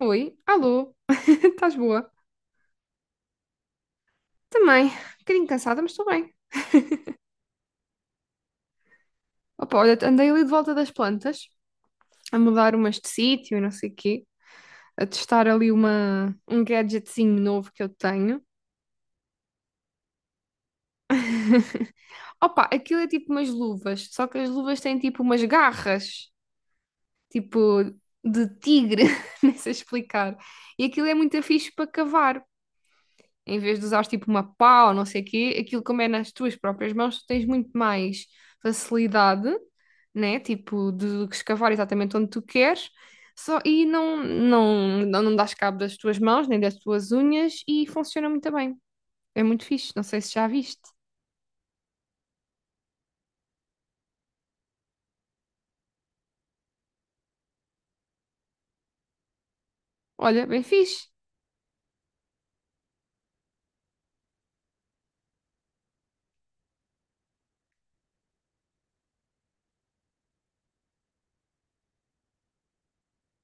Oi, alô, estás boa? Também, um bocadinho cansada, mas estou bem. Opa, olha, andei ali de volta das plantas, a mudar umas de sítio e não sei o quê, a testar ali um gadgetzinho novo que eu tenho. Opa, aquilo é tipo umas luvas, só que as luvas têm tipo umas garras, tipo de tigre, nem sei explicar. E aquilo é muito fixe para cavar. Em vez de usares tipo uma pá ou não sei o quê, aquilo como é nas tuas próprias mãos, tu tens muito mais facilidade, né? Tipo, de escavar exatamente onde tu queres. Só, e não dás cabo das tuas mãos, nem das tuas unhas, e funciona muito bem. É muito fixe. Não sei se já viste. Olha, bem fixe.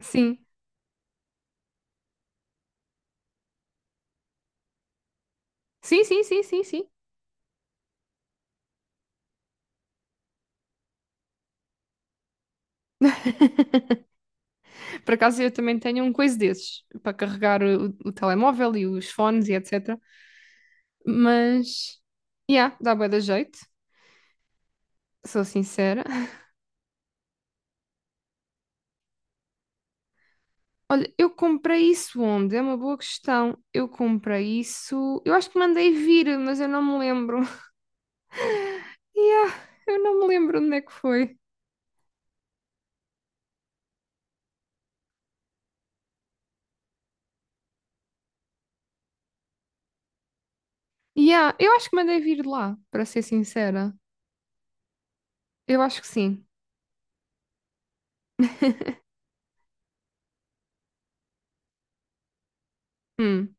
Sim. Sim, sim, sim, sim, sim. Por acaso eu também tenho um coisa desses para carregar o telemóvel e os fones e etc. Mas, yeah, dá bué da jeito. Sou sincera. Olha, eu comprei isso onde? É uma boa questão. Eu comprei isso. Eu acho que mandei vir, mas eu não me lembro. Yeah, eu não me lembro onde é que foi. Yeah, eu acho que mandei vir lá, para ser sincera. Eu acho que sim. Hum.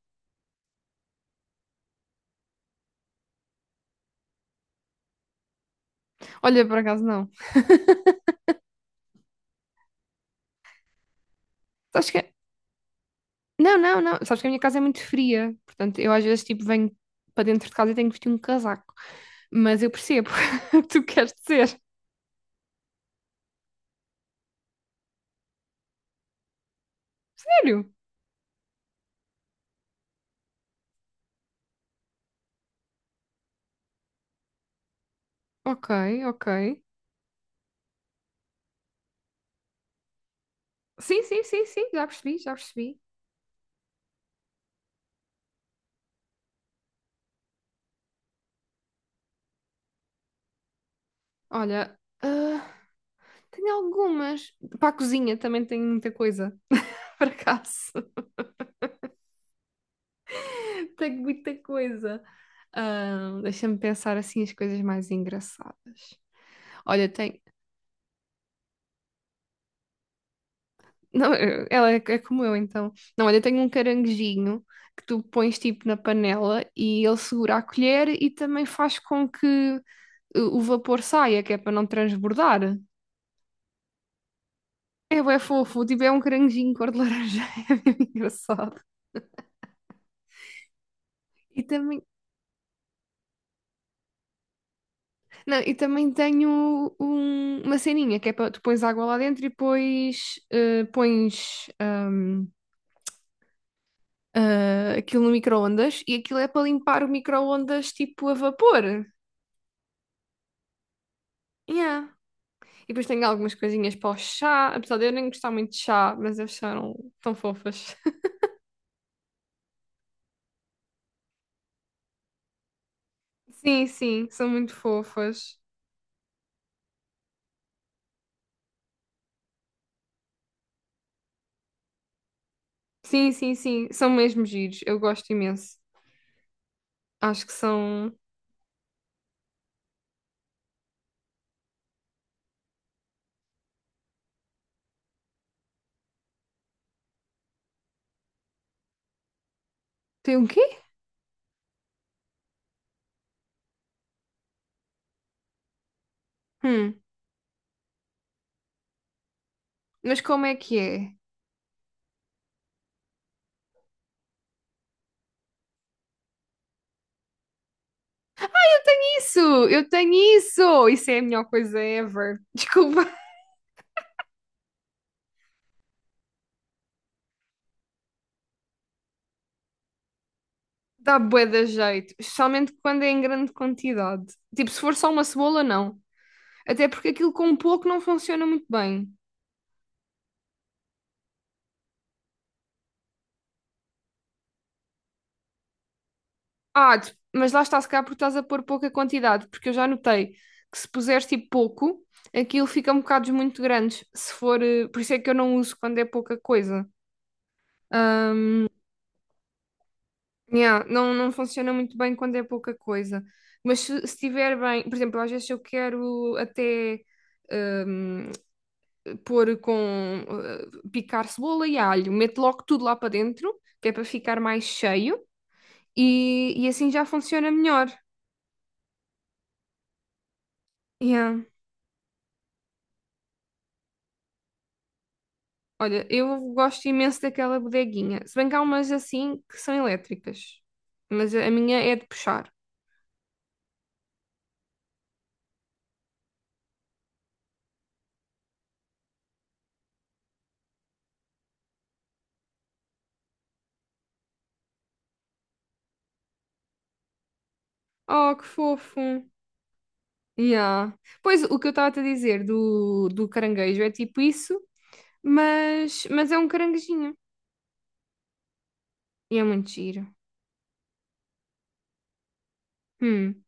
Olha, por acaso não. Sabes que. Não, não, não. Sabes que a minha casa é muito fria. Portanto, eu às vezes tipo venho para dentro de casa e tenho que vestir um casaco. Mas eu percebo o que tu queres dizer. Sério? Ok, ok. Sim, sim, sim, sim. Já percebi, já percebi. Olha, tenho algumas. Para a cozinha também tenho muita coisa, por acaso. Tenho muita coisa. Ah, deixa-me pensar assim as coisas mais engraçadas. Olha, tem. Não, ela é como eu, então. Não, olha, tenho um caranguejinho que tu pões tipo na panela e ele segura a colher e também faz com que o vapor saia, que é para não transbordar. É, bué fofo, tipo, é um caranguejinho cor de laranja, é bem engraçado. E também, Não, e também tenho uma ceninha que é para tu pões água lá dentro e depois pões aquilo no micro-ondas e aquilo é para limpar o micro-ondas tipo a vapor. Yeah. E depois tenho algumas coisinhas para o chá, apesar de eu nem gostar muito de chá, mas eles são tão fofas. Sim, sim, são muito fofas. Sim, sim, sim, são mesmo giros, eu gosto imenso. Acho que são. Tem um quê? Hum, mas como é que é? Isso, eu tenho isso! Isso é a melhor coisa ever. Desculpa, dá bué da jeito, especialmente quando é em grande quantidade. Tipo, se for só uma cebola, não. Até porque aquilo com pouco não funciona muito bem. Ah, mas lá está, se calhar porque estás a pôr pouca quantidade, porque eu já notei que se puseres tipo pouco, aquilo fica um bocado muito grandes. Se for, por isso é que eu não uso quando é pouca coisa. Ah, yeah, não, não funciona muito bem quando é pouca coisa. Mas se se estiver bem, por exemplo, às vezes eu quero até hum, pôr com picar cebola e alho, meto logo tudo lá para dentro, que é para ficar mais cheio, e assim já funciona melhor. Yeah. Olha, eu gosto imenso daquela bodeguinha. Se bem que há umas assim que são elétricas. Mas a minha é de puxar. Oh, que fofo. Yeah. Pois, o que eu estava a te dizer do caranguejo é tipo isso, mas é um caranguejinho. E é muito giro. Hum.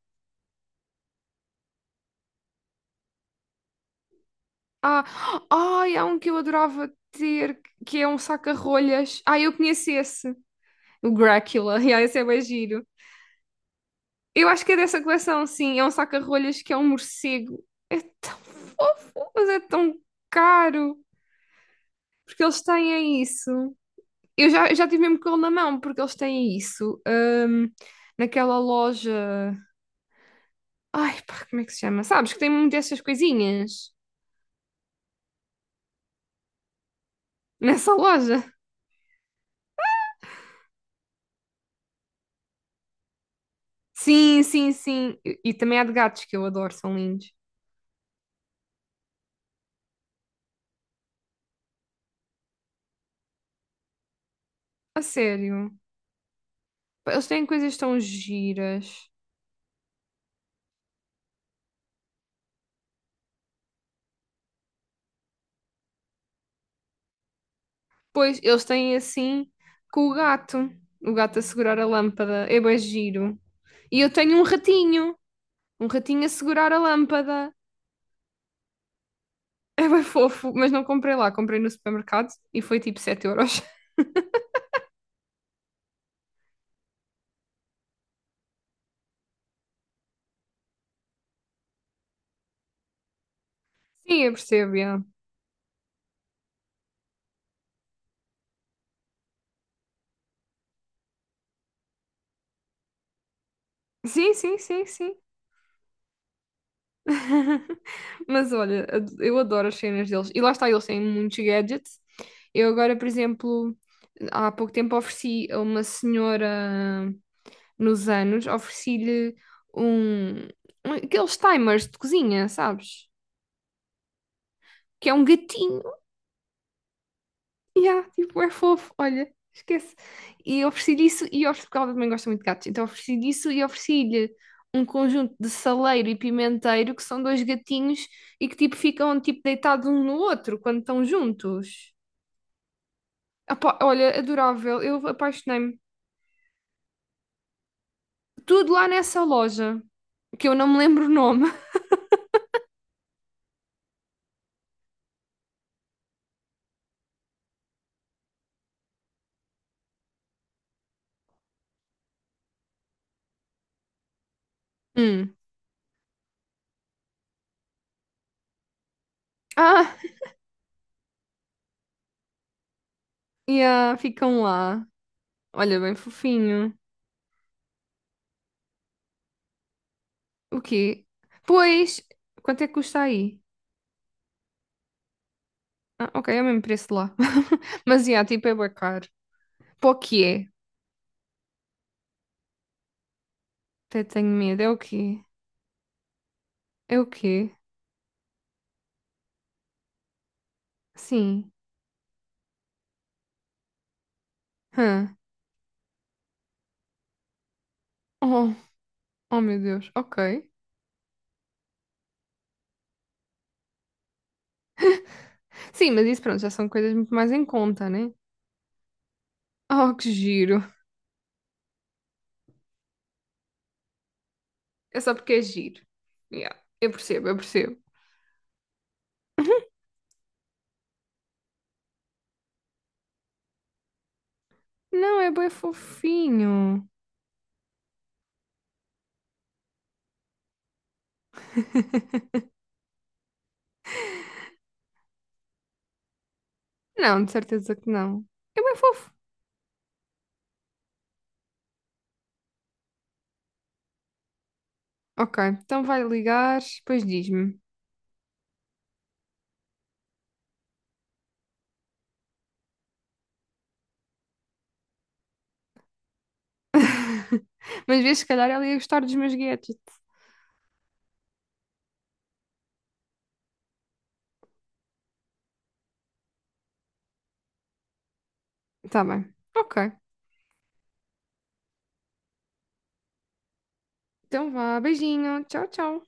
Ah, ai, há um que eu adorava ter, que é um saca-rolhas. Ah, eu conheço esse. O Drácula. Yeah, esse é bem giro. Eu acho que é dessa coleção, sim. É um saca-rolhas que é um morcego. É tão fofo, mas é tão caro. Porque eles têm é isso. Eu já tive mesmo com ele na mão, porque eles têm isso. Naquela loja. Ai, pá, como é que se chama? Sabes que tem muito dessas coisinhas nessa loja. Sim, sim, sim. E também há de gatos que eu adoro, são lindos. A sério. Pá, eles têm coisas tão giras. Pois, eles têm assim com o gato. O gato a segurar a lâmpada. É bem giro. E eu tenho um ratinho. Um ratinho a segurar a lâmpada. É bem fofo, mas não comprei lá. Comprei no supermercado e foi tipo 7 euros. Sim, eu percebo, yeah. Sim, sim, sim, sim. Mas olha, eu adoro as cenas deles. E lá está, eles têm muitos gadgets. Eu agora, por exemplo, há pouco tempo ofereci a uma senhora. Nos anos, ofereci-lhe um, aqueles timers de cozinha, sabes? Que é um gatinho. Yeah, tipo, é fofo, olha, esquece. E ofereci-lhe isso e ofereci, porque ela também gosta muito de gatos, então ofereci-lhe isso e ofereci-lhe um conjunto de saleiro e pimenteiro, que são dois gatinhos e que tipo ficam tipo deitados um no outro quando estão juntos. Apá, olha, adorável, eu apaixonei-me. Tudo lá nessa loja, que eu não me lembro o nome. Hum. Ah, yeah, ficam lá. Olha, bem fofinho. O quê? Pois, quanto é que custa aí? Ah, ok, é o mesmo preço de lá. Mas, yeah, tipo, é bué caro. Para o que é? Até tenho medo. É o quê? É o quê? Sim. Hã. Oh, oh, meu Deus. Ok. Sim, mas isso, pronto, já são coisas muito mais em conta, né? Oh, que giro. É só porque é giro. Yeah, eu percebo, eu percebo. Não, é bem fofinho. Não, de certeza que não. É bem fofo. Ok, então vai ligar, depois diz-me. Mas vês, se calhar ela ia gostar dos meus gadgets. Tá bem. Ok. Então vá, beijinho. Tchau, tchau.